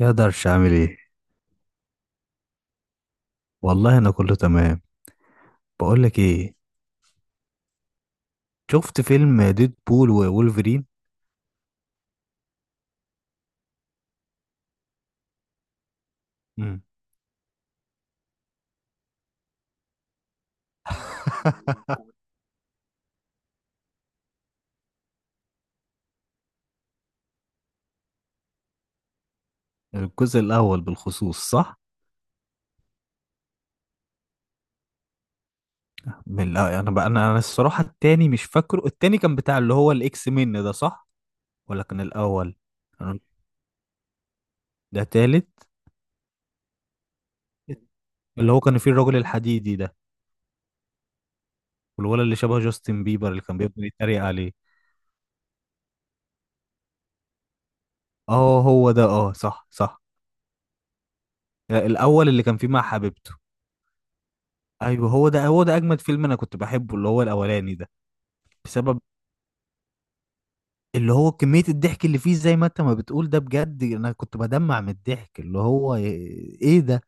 يقدرش اعمل ايه. والله انا كله تمام. بقول لك ايه، شفت فيلم ديد بول وولفرين. مم. الجزء الاول بالخصوص صح. انا الصراحه التاني مش فاكره، التاني كان بتاع اللي هو الاكس من ده صح، ولا كان الاول؟ أنا- ده تالت، اللي هو كان فيه الراجل الحديدي ده، والولد اللي شبه جاستن بيبر اللي كان بيفضل يتريق عليه. اه هو ده، اه صح صح. لا، الاول اللي كان فيه مع حبيبته. ايوه هو ده، هو ده اجمد فيلم انا كنت بحبه اللي هو الاولاني ده. بسبب اللي هو كمية الضحك اللي فيه، زي ما انت ما بتقول ده، بجد انا كنت بدمع من الضحك اللي هو ايه ده.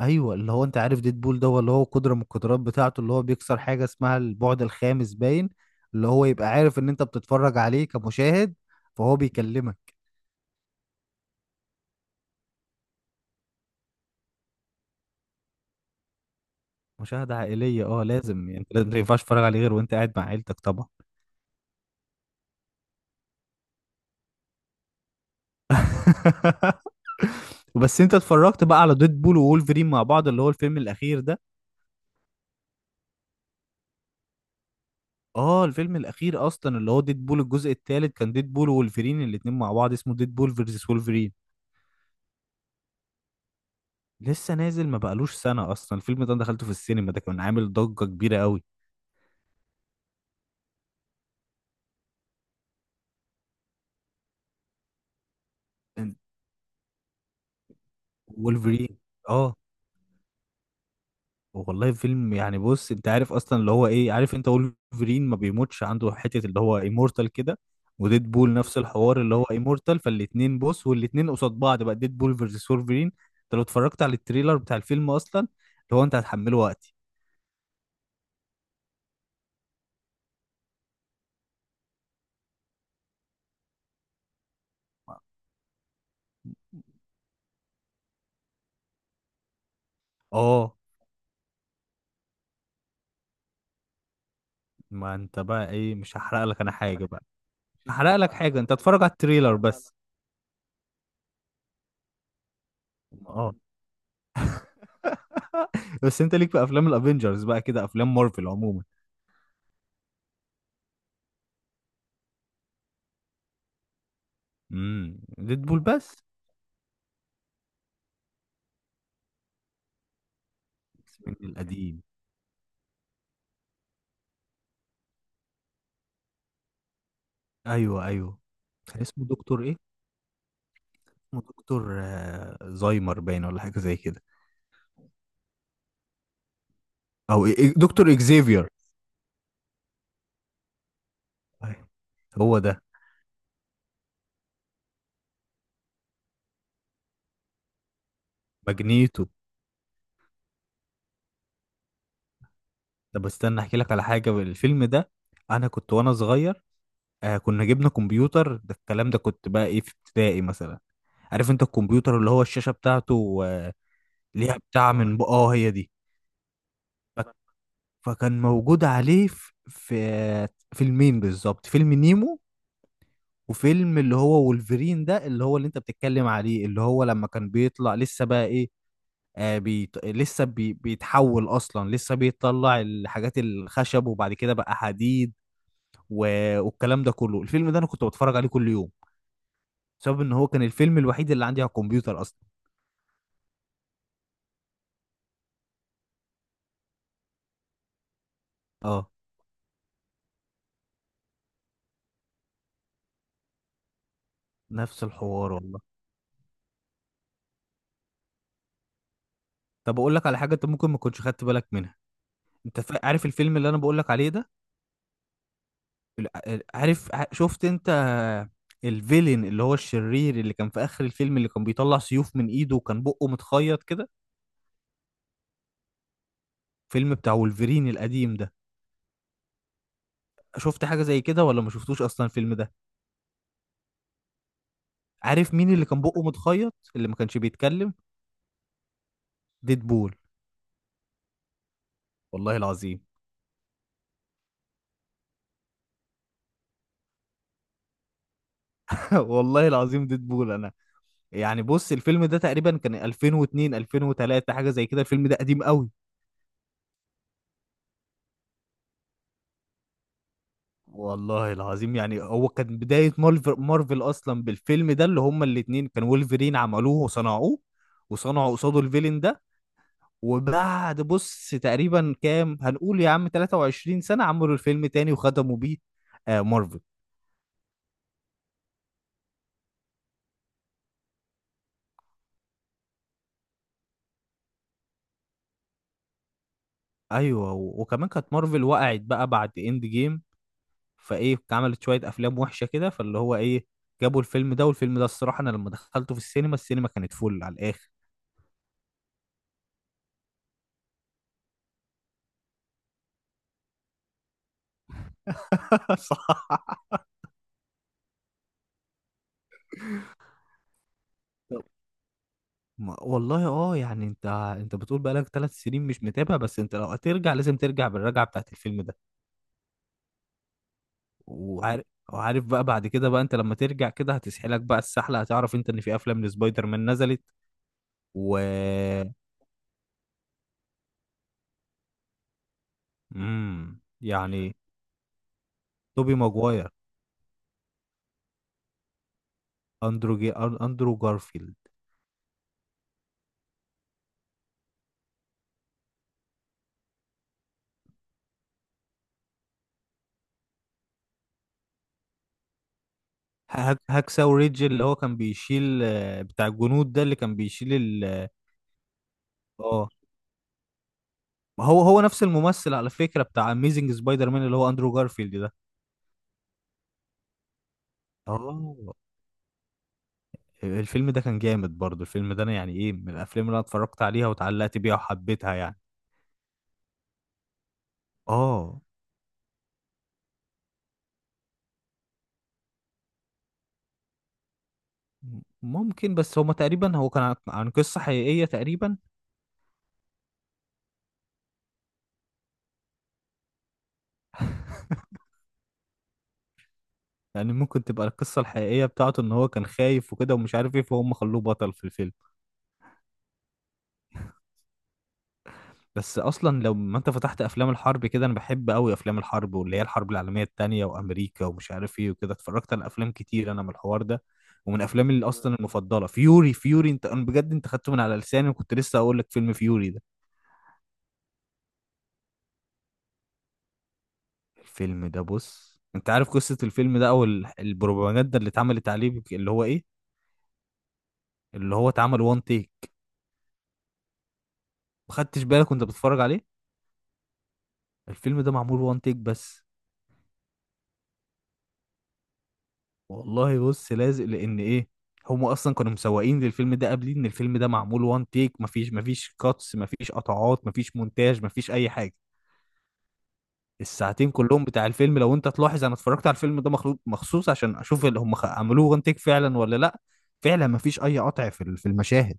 ايوه، اللي هو انت عارف ديدبول ده هو اللي هو قدرة من القدرات بتاعته اللي هو بيكسر حاجة اسمها البعد الخامس باين، اللي هو يبقى عارف ان انت بتتفرج عليه كمشاهد، فهو بيكلمك. مشاهدة عائلية اه لازم، يعني انت لازم، ما ينفعش تتفرج عليه غير وانت قاعد مع عيلتك طبعا. بس انت اتفرجت بقى على ديدبول وولفرين مع بعض اللي هو الفيلم الاخير ده؟ اه الفيلم الاخير اصلا اللي هو ديد بول الجزء الثالث، كان ديد بول وولفرين الاتنين مع بعض، اسمه ديد بول فيرسس وولفرين. لسه نازل، ما بقالوش سنه اصلا. الفيلم ده أنا دخلته في السينما، ده كان عامل ضجه كبيره قوي. إن- وولفرين. اه. والله فيلم، يعني بص انت عارف اصلا اللي هو ايه، عارف انت وولفرين ما بيموتش، عنده حته اللي هو ايمورتال كده. وديد بول نفس الحوار اللي هو ايمورتال، فالاتنين بص، والاتنين قصاد بعض بقى، ديد بول فيرسس وولفرين. انت لو اتفرجت على التريلر بتاع الفيلم اصلا اللي هو انت هتحمله وقتي. اه. ما انت بقى ايه، مش هحرق لك انا حاجه بقى. مش هحرق لك حاجه، انت اتفرج على التريلر بس. اه. بس انت ليك في افلام الافينجرز بقى كده، افلام مارفل عموما؟ امم، ديدبول بس. بس من القديم. ايوه ايوه. كان اسمه دكتور ايه؟ اسمه دكتور زايمر باين ولا حاجه زي كده. او إيه- إيه، دكتور اكزيفير. أيوة، هو ده. ماجنيتو. طب استنى احكي لك على حاجه. الفيلم ده انا كنت وانا صغير، آه كنا جبنا كمبيوتر، ده الكلام ده كنت بقى ايه في ابتدائي مثلا. عارف انت الكمبيوتر اللي هو الشاشة بتاعته ليها بتاع اه هي دي. فك- فكان موجود عليه في فيلمين بالظبط، فيلم نيمو وفيلم اللي هو وولفرين ده، اللي هو اللي انت بتتكلم عليه، اللي هو لما كان بيطلع لسه بقى ايه، آه بيتحول اصلا، لسه بيطلع الحاجات الخشب وبعد كده بقى حديد، و... والكلام ده كله. الفيلم ده انا كنت بتفرج عليه كل يوم، بسبب ان هو كان الفيلم الوحيد اللي عندي على الكمبيوتر اصلا. اه نفس الحوار والله. طب اقول لك على حاجه انت ممكن ما كنتش خدت بالك منها. انت عارف الفيلم اللي انا بقول لك عليه ده، شفت انت الفيلن اللي هو الشرير اللي كان في اخر الفيلم اللي كان بيطلع سيوف من ايده وكان بقه متخيط كده، فيلم بتاع وولفرين القديم ده؟ شفت حاجه زي كده ولا ما شفتوش اصلا الفيلم ده؟ عارف مين اللي كان بقه متخيط اللي ما كانش بيتكلم؟ ديدبول. والله العظيم. والله العظيم ديدبول انا. يعني بص الفيلم ده تقريبا كان 2002 2003 حاجه زي كده، الفيلم ده قديم قوي. والله العظيم يعني هو كان بداية مارفل، مارفل أصلا بالفيلم ده اللي هما الاتنين، كان وولفرين عملوه وصنعوه، وصنعوا قصاده الفيلن ده. وبعد بص تقريبا كام هنقول يا عم، 23 سنة، عملوا الفيلم تاني وختموا بيه آه مارفل. أيوه، وكمان كانت مارفل وقعت بقى بعد إند جيم، فإيه عملت شوية أفلام وحشة كده، فاللي هو إيه جابوا الفيلم ده. والفيلم ده الصراحة أنا لما دخلته في السينما، السينما كانت فل على الآخر. صح. والله اه، يعني انت، انت بتقول بقالك 3 سنين مش متابع، بس انت لو هترجع لازم ترجع بالرجعه بتاعت الفيلم ده. وعارف، وعارف بقى بعد كده بقى انت لما ترجع كده هتسحلك بقى السحله، هتعرف انت ان في افلام لسبايدر مان نزلت و... يعني، توبي ماجواير. اندرو جارفيلد. هاكساو ريدج اللي هو كان بيشيل بتاع الجنود ده، اللي كان بيشيل اه. ما هو هو نفس الممثل على فكره، بتاع اميزنج سبايدر مان، اللي هو اندرو جارفيلد ده. اه الفيلم ده كان جامد برضه. الفيلم ده انا يعني ايه، من الافلام اللي انا اتفرجت عليها واتعلقت بيها وحبيتها يعني. اه. ممكن، بس هما تقريبا هو كان عن عن قصة حقيقية تقريبا. يعني ممكن تبقى القصة الحقيقية بتاعته ان هو كان خايف وكده ومش عارف ايه، فهم خلوه بطل في الفيلم. بس اصلا لو ما انت فتحت افلام الحرب كده، انا بحب قوي افلام الحرب واللي هي الحرب العالمية التانية وامريكا ومش عارف ايه وكده. اتفرجت على افلام كتير انا من الحوار ده، ومن افلامي اللي اصلا المفضلة فيوري. فيوري انت انا بجد انت خدته من على لساني، وكنت لسه اقول لك فيلم فيوري ده. الفيلم ده بص انت عارف قصة الفيلم ده او البروباجندا اللي اتعملت عليه اللي هو ايه، اللي هو اتعمل وان تيك. ما خدتش بالك وانت بتتفرج عليه؟ الفيلم ده معمول وان تيك بس. والله بص لازق لان ايه، هم اصلا كانوا مسوقين للفيلم ده قبلين ان الفيلم ده معمول وان تيك، مفيش كاتس، مفيش قطعات، مفيش مونتاج، مفيش اي حاجة. الساعتين كلهم بتاع الفيلم لو انت تلاحظ، انا اتفرجت على الفيلم ده مخلوق مخصوص عشان اشوف اللي هم عملوه وان تيك فعلا ولا لا. فعلا مفيش اي قطع في في المشاهد.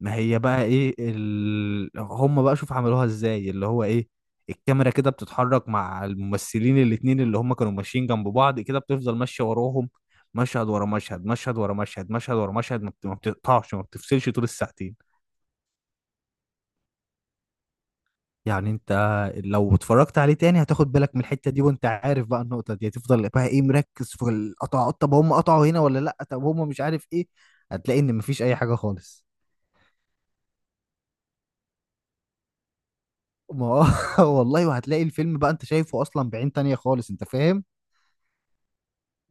ما هي بقى ايه هم بقى شوف عملوها ازاي اللي هو ايه، الكاميرا كده بتتحرك مع الممثلين الاتنين اللي هم كانوا ماشيين جنب بعض كده، بتفضل ماشية وراهم مشهد ورا مشهد، مشهد ورا مشهد، مشهد ورا مشهد، ما بتقطعش، ما بتفصلش طول الساعتين. يعني انت لو اتفرجت عليه تاني هتاخد بالك من الحتة دي، وانت عارف بقى النقطة دي هتفضل بقى ايه مركز في القطع، طب هم قطعوا هنا ولا لا، طب هم مش عارف ايه، هتلاقي ان مفيش اي حاجة خالص. ما هو- والله وهتلاقي الفيلم بقى انت شايفه اصلا بعين تانية خالص، انت فاهم،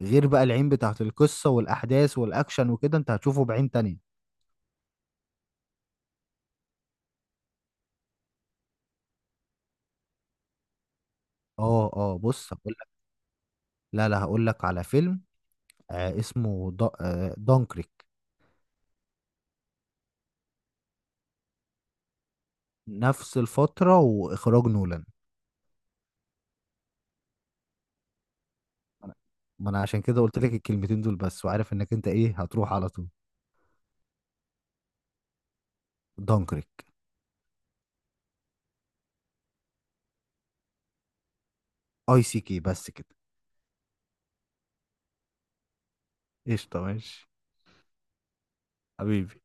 غير بقى العين بتاعت القصة والاحداث والاكشن وكده، انت هتشوفه بعين تانية. اه اه بص هقول لك. لا لا هقول لك على فيلم، آه اسمه دا آه دانكريك. نفس الفترة واخراج نولان. أنا- ما انا عشان كده قلت لك الكلمتين دول بس، وعارف انك انت ايه هتروح على طول. دانكريك. اي سي كي بس كده. قشطة ماشي. حبيبي.